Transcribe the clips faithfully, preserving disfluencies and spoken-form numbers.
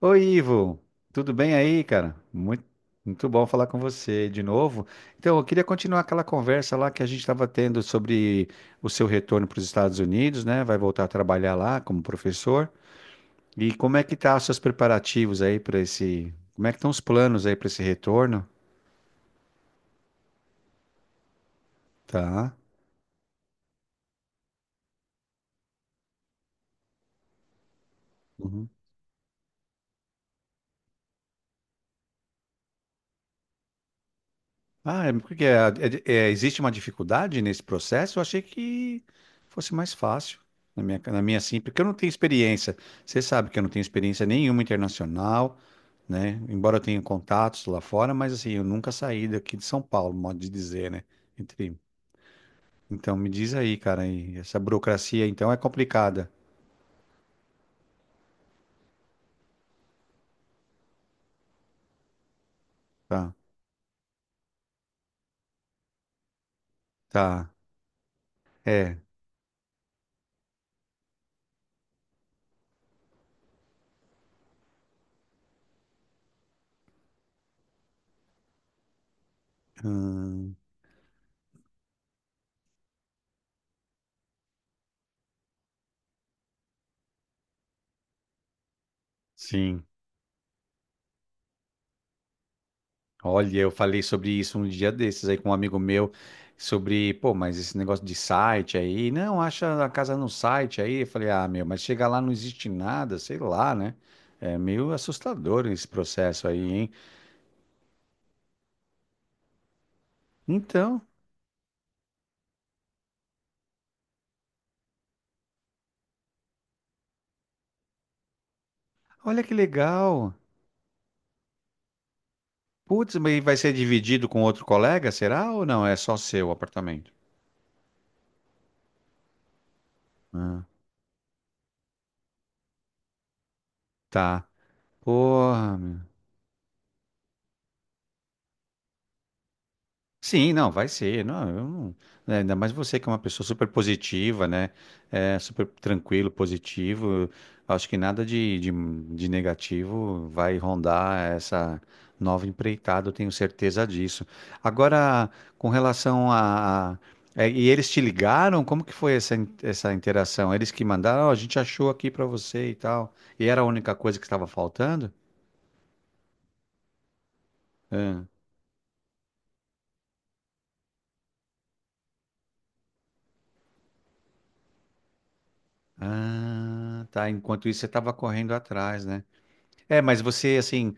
Oi, Ivo, tudo bem aí, cara? Muito, muito bom falar com você de novo. Então, eu queria continuar aquela conversa lá que a gente estava tendo sobre o seu retorno para os Estados Unidos, né? Vai voltar a trabalhar lá como professor. E como é que tá os seus preparativos aí para esse. Como é que estão os planos aí para esse retorno? Tá. Uhum. Ah, é, porque é, é- é- existe uma dificuldade nesse processo? Eu achei que fosse mais fácil na minha, na minha sim, porque eu não tenho experiência. Você sabe que eu não tenho experiência nenhuma internacional, né? Embora eu tenha contatos lá fora, mas assim, eu nunca saí daqui de São Paulo, modo de dizer, né? Entre- Então me diz aí, cara, e essa burocracia então é complicada. Tá, tá, é. Hum, sim. Olha, eu falei sobre isso um dia desses aí com um amigo meu, sobre, pô, mas esse negócio de site aí, não, acha a casa no site aí. Eu falei, ah, meu, mas chega lá não existe nada, sei lá, né? É meio assustador esse processo aí, hein? Então, olha que legal. Putz, mas e vai ser dividido com outro colega, será ou não? É só seu apartamento? Ah, tá. Porra, sim, não, vai ser. Não, eu não, né, ainda mais você que é uma pessoa super positiva, né? É, super tranquilo, positivo. Acho que nada de, de, de negativo vai rondar essa nova empreitada, eu tenho certeza disso. Agora, com relação a. a- é, e eles te ligaram? Como que foi essa, in- essa interação? Eles que mandaram, "Ó, a gente achou aqui pra você e tal. E era a única coisa que estava faltando? Ah, ah, tá. Enquanto isso, você estava correndo atrás, né? É, mas você assim,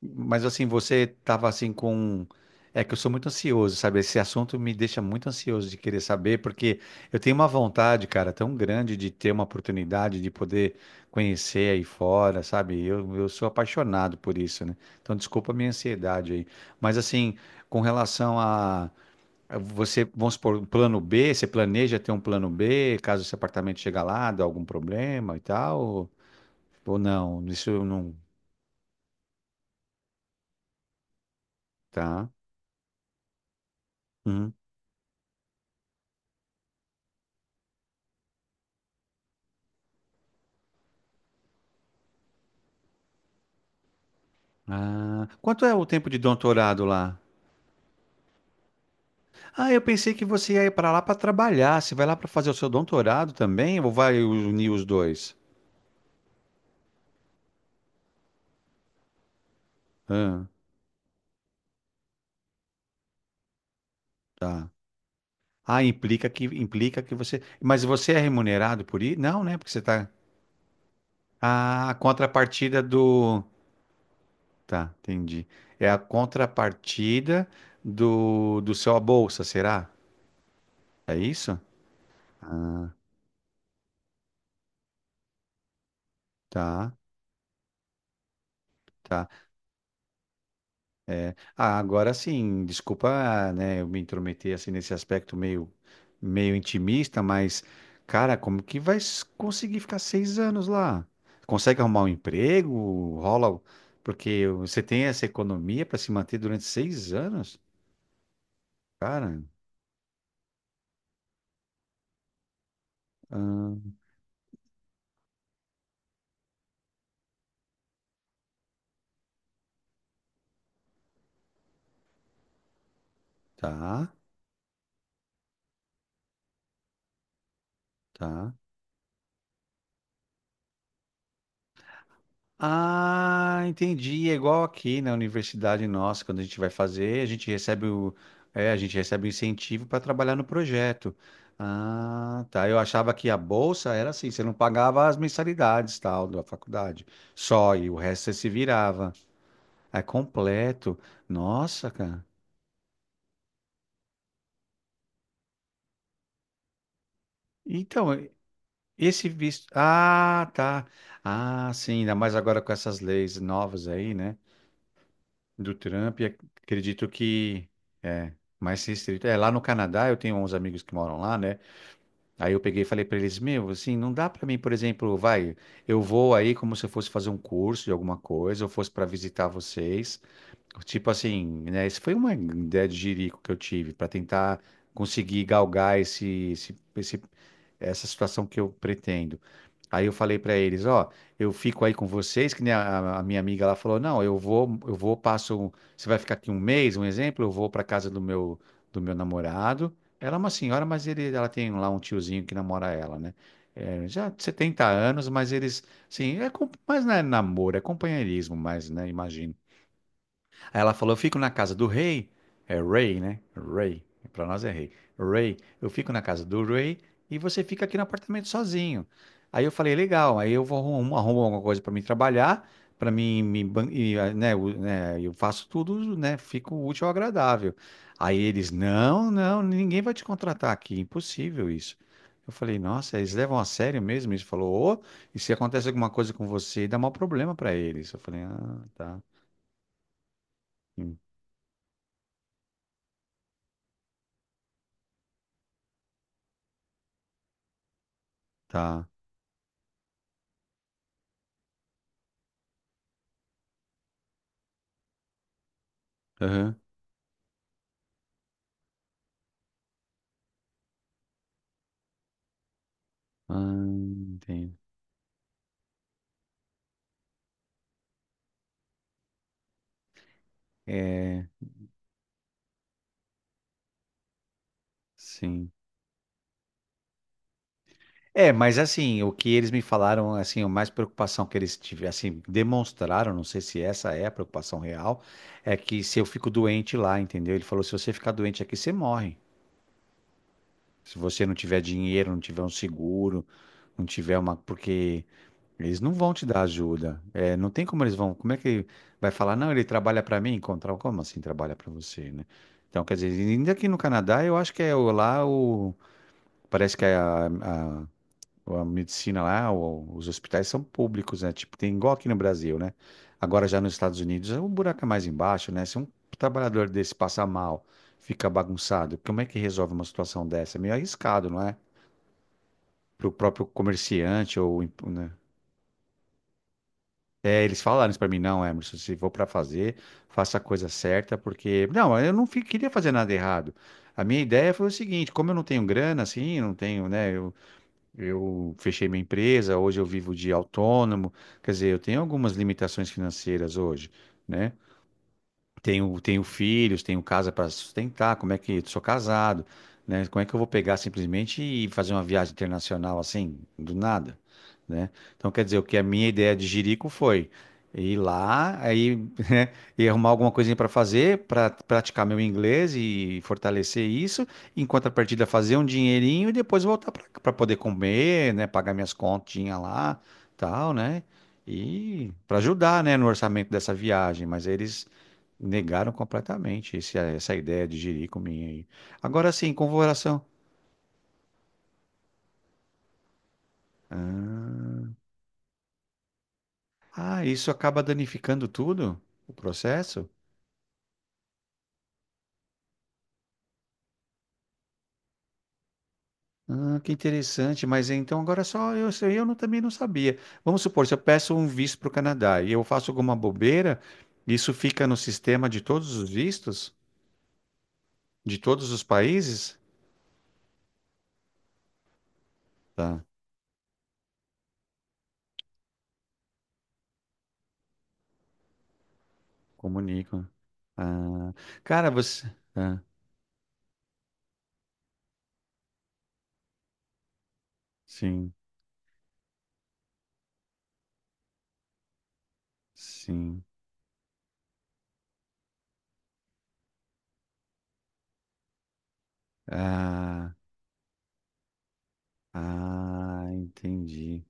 mas assim, você tava assim com. um, É que eu sou muito ansioso, sabe? Esse assunto me deixa muito ansioso de querer saber, porque eu tenho uma vontade, cara, tão grande de ter uma oportunidade de poder conhecer aí fora, sabe? Eu, eu sou apaixonado por isso, né? Então, desculpa a minha ansiedade aí. Mas assim, com relação a a você, vamos supor, um plano B, você planeja ter um plano B, caso esse apartamento chegar lá, dá algum problema e tal? Ou, ou não? Isso eu não. Tá. Uhum. Ah, quanto é o tempo de doutorado lá? Ah, eu pensei que você ia ir para lá para trabalhar. Você vai lá para fazer o seu doutorado também ou vai unir os dois? Ah, tá. Ah, implica que implica que você, mas você é remunerado por ir? Não, né? Porque você tá ah, a contrapartida do tá, entendi. É a contrapartida do do seu a bolsa, será? É isso? Ah, tá, tá. Ah, agora sim, desculpa, né, eu me intrometer assim nesse aspecto meio, meio intimista, mas, cara, como que vai s- conseguir ficar seis anos lá? Consegue arrumar um emprego? Rola, o- porque você tem essa economia para se manter durante seis anos? Cara, ah, tá, tá. Ah, entendi. É igual aqui na universidade nossa, quando a gente vai fazer, a gente recebe o, é, a gente recebe o incentivo para trabalhar no projeto. Ah, tá. Eu achava que a bolsa era assim, você não pagava as mensalidades, tal, da faculdade. Só, e o resto você se virava. É completo. Nossa, cara. Então, esse visto. Ah, tá. Ah, sim, ainda mais agora com essas leis novas aí, né? Do Trump, e ac- acredito que é mais restrito. É, lá no Canadá, eu tenho uns amigos que moram lá, né? Aí eu peguei e falei para eles, meu, assim, não dá para mim, por exemplo, vai, eu vou aí como se eu fosse fazer um curso de alguma coisa, eu fosse para visitar vocês. Tipo assim, né? Isso foi uma ideia de jirico que eu tive para tentar conseguir galgar esse, esse, esse essa situação que eu pretendo. Aí eu falei para eles, ó, eu fico aí com vocês, que nem a, a minha amiga lá falou, não, eu vou, eu vou, passo, um, você vai ficar aqui um mês, um exemplo, eu vou para casa do meu do meu namorado. Ela é uma senhora, mas ele, ela tem lá um tiozinho que namora ela, né? É, já setenta anos, mas eles, sim, é, com- mas não é namoro, é companheirismo, mas, né, imagino. Aí ela falou: Eu fico na casa do rei. É rei, né? Rei. Pra nós é rei. Rei. Eu fico na casa do rei e você fica aqui no apartamento sozinho. Aí eu falei: Legal. Aí eu vou arrumo, arrumo alguma coisa pra mim trabalhar, pra mim me, ban- e, ah, né, o- né, eu faço tudo, né? Fico útil ao agradável. Aí eles: Não, não, ninguém vai te contratar aqui. Impossível isso. Eu falei, nossa, eles levam a sério mesmo isso? Falou, ô, e se acontece alguma coisa com você, dá maior problema pra eles. Eu falei, ah, tá, hum, tá. Aham. Ah, entendo. É, sim. É, mas assim, o que eles me falaram, assim, a mais preocupação que eles tiveram, assim, demonstraram, não sei se essa é a preocupação real, é que se eu fico doente lá, entendeu? Ele falou, se você ficar doente aqui, você morre. Se você não tiver dinheiro, não tiver um seguro, não tiver uma, porque eles não vão te dar ajuda. É, não tem como eles vão, como é que vai falar, não, ele trabalha pra mim, encontrar, como assim trabalha pra você, né? Então, quer dizer, ainda aqui no Canadá, eu acho que é o- lá o parece que a, a, a medicina lá, o- os hospitais são públicos, né? Tipo, tem igual aqui no Brasil, né? Agora já nos Estados Unidos, o buraco é mais embaixo, né? Se um trabalhador desse passar mal, fica bagunçado, como é que resolve uma situação dessa? É meio arriscado, não é? Para o próprio comerciante ou, né? É, eles falaram isso para mim, não, Emerson, se for para fazer, faça a coisa certa, porque não, eu não fi- queria fazer nada errado. A minha ideia foi o seguinte, como eu não tenho grana, assim, não tenho, né? eu Eu fechei minha empresa, hoje eu vivo de autônomo, quer dizer, eu tenho algumas limitações financeiras hoje, né? Tenho, tenho filhos, tenho casa para sustentar, como é que sou casado, né? Como é que eu vou pegar simplesmente e fazer uma viagem internacional assim, do nada, né? Então, quer dizer, o que a minha ideia de Jerico foi ir lá, aí, né, e arrumar alguma coisinha para fazer, para praticar meu inglês e fortalecer isso, em contrapartida fazer um dinheirinho e depois voltar para poder comer, né, pagar minhas continhas lá, tal, né? E para ajudar, né, no orçamento dessa viagem, mas eles negaram completamente esse- essa ideia de jirico minha aí. Agora sim, com ah, ah, isso acaba danificando tudo? O processo? Ah, que interessante, mas então agora só eu, se eu não- também não sabia. Vamos supor, se eu peço um visto para o Canadá e eu faço alguma bobeira, isso fica no sistema de todos os vistos? De todos os países? Tá, comunico. Ah, cara, você. Ah, sim, sim. Ah, ah, entendi.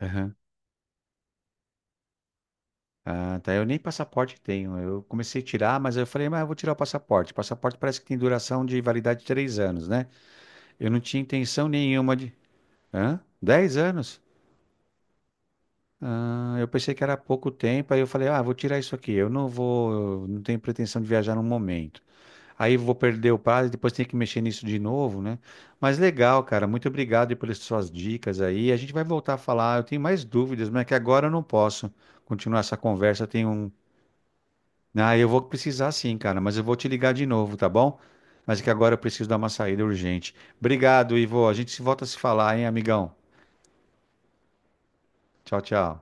Aham. Ah, tá. Eu nem passaporte tenho. Eu comecei a tirar, mas eu falei, mas eu vou tirar o passaporte. Passaporte parece que tem duração de validade de três anos, né? Eu não tinha intenção nenhuma de. Hã? Dez anos? Ah, eu pensei que era pouco tempo, aí eu falei, ah, vou tirar isso aqui. Eu não vou, não tenho pretensão de viajar no momento. Aí vou perder o prazo, depois tenho que mexer nisso de novo, né? Mas legal, cara. Muito obrigado aí pelas suas dicas aí. A gente vai voltar a falar. Eu tenho mais dúvidas, mas é que agora eu não posso continuar essa conversa. Tem um ah, eu vou precisar sim, cara, mas eu vou te ligar de novo, tá bom? Mas é que agora eu preciso dar uma saída urgente. Obrigado, Ivo. A gente se volta a se falar, hein, amigão? Tchau, tchau.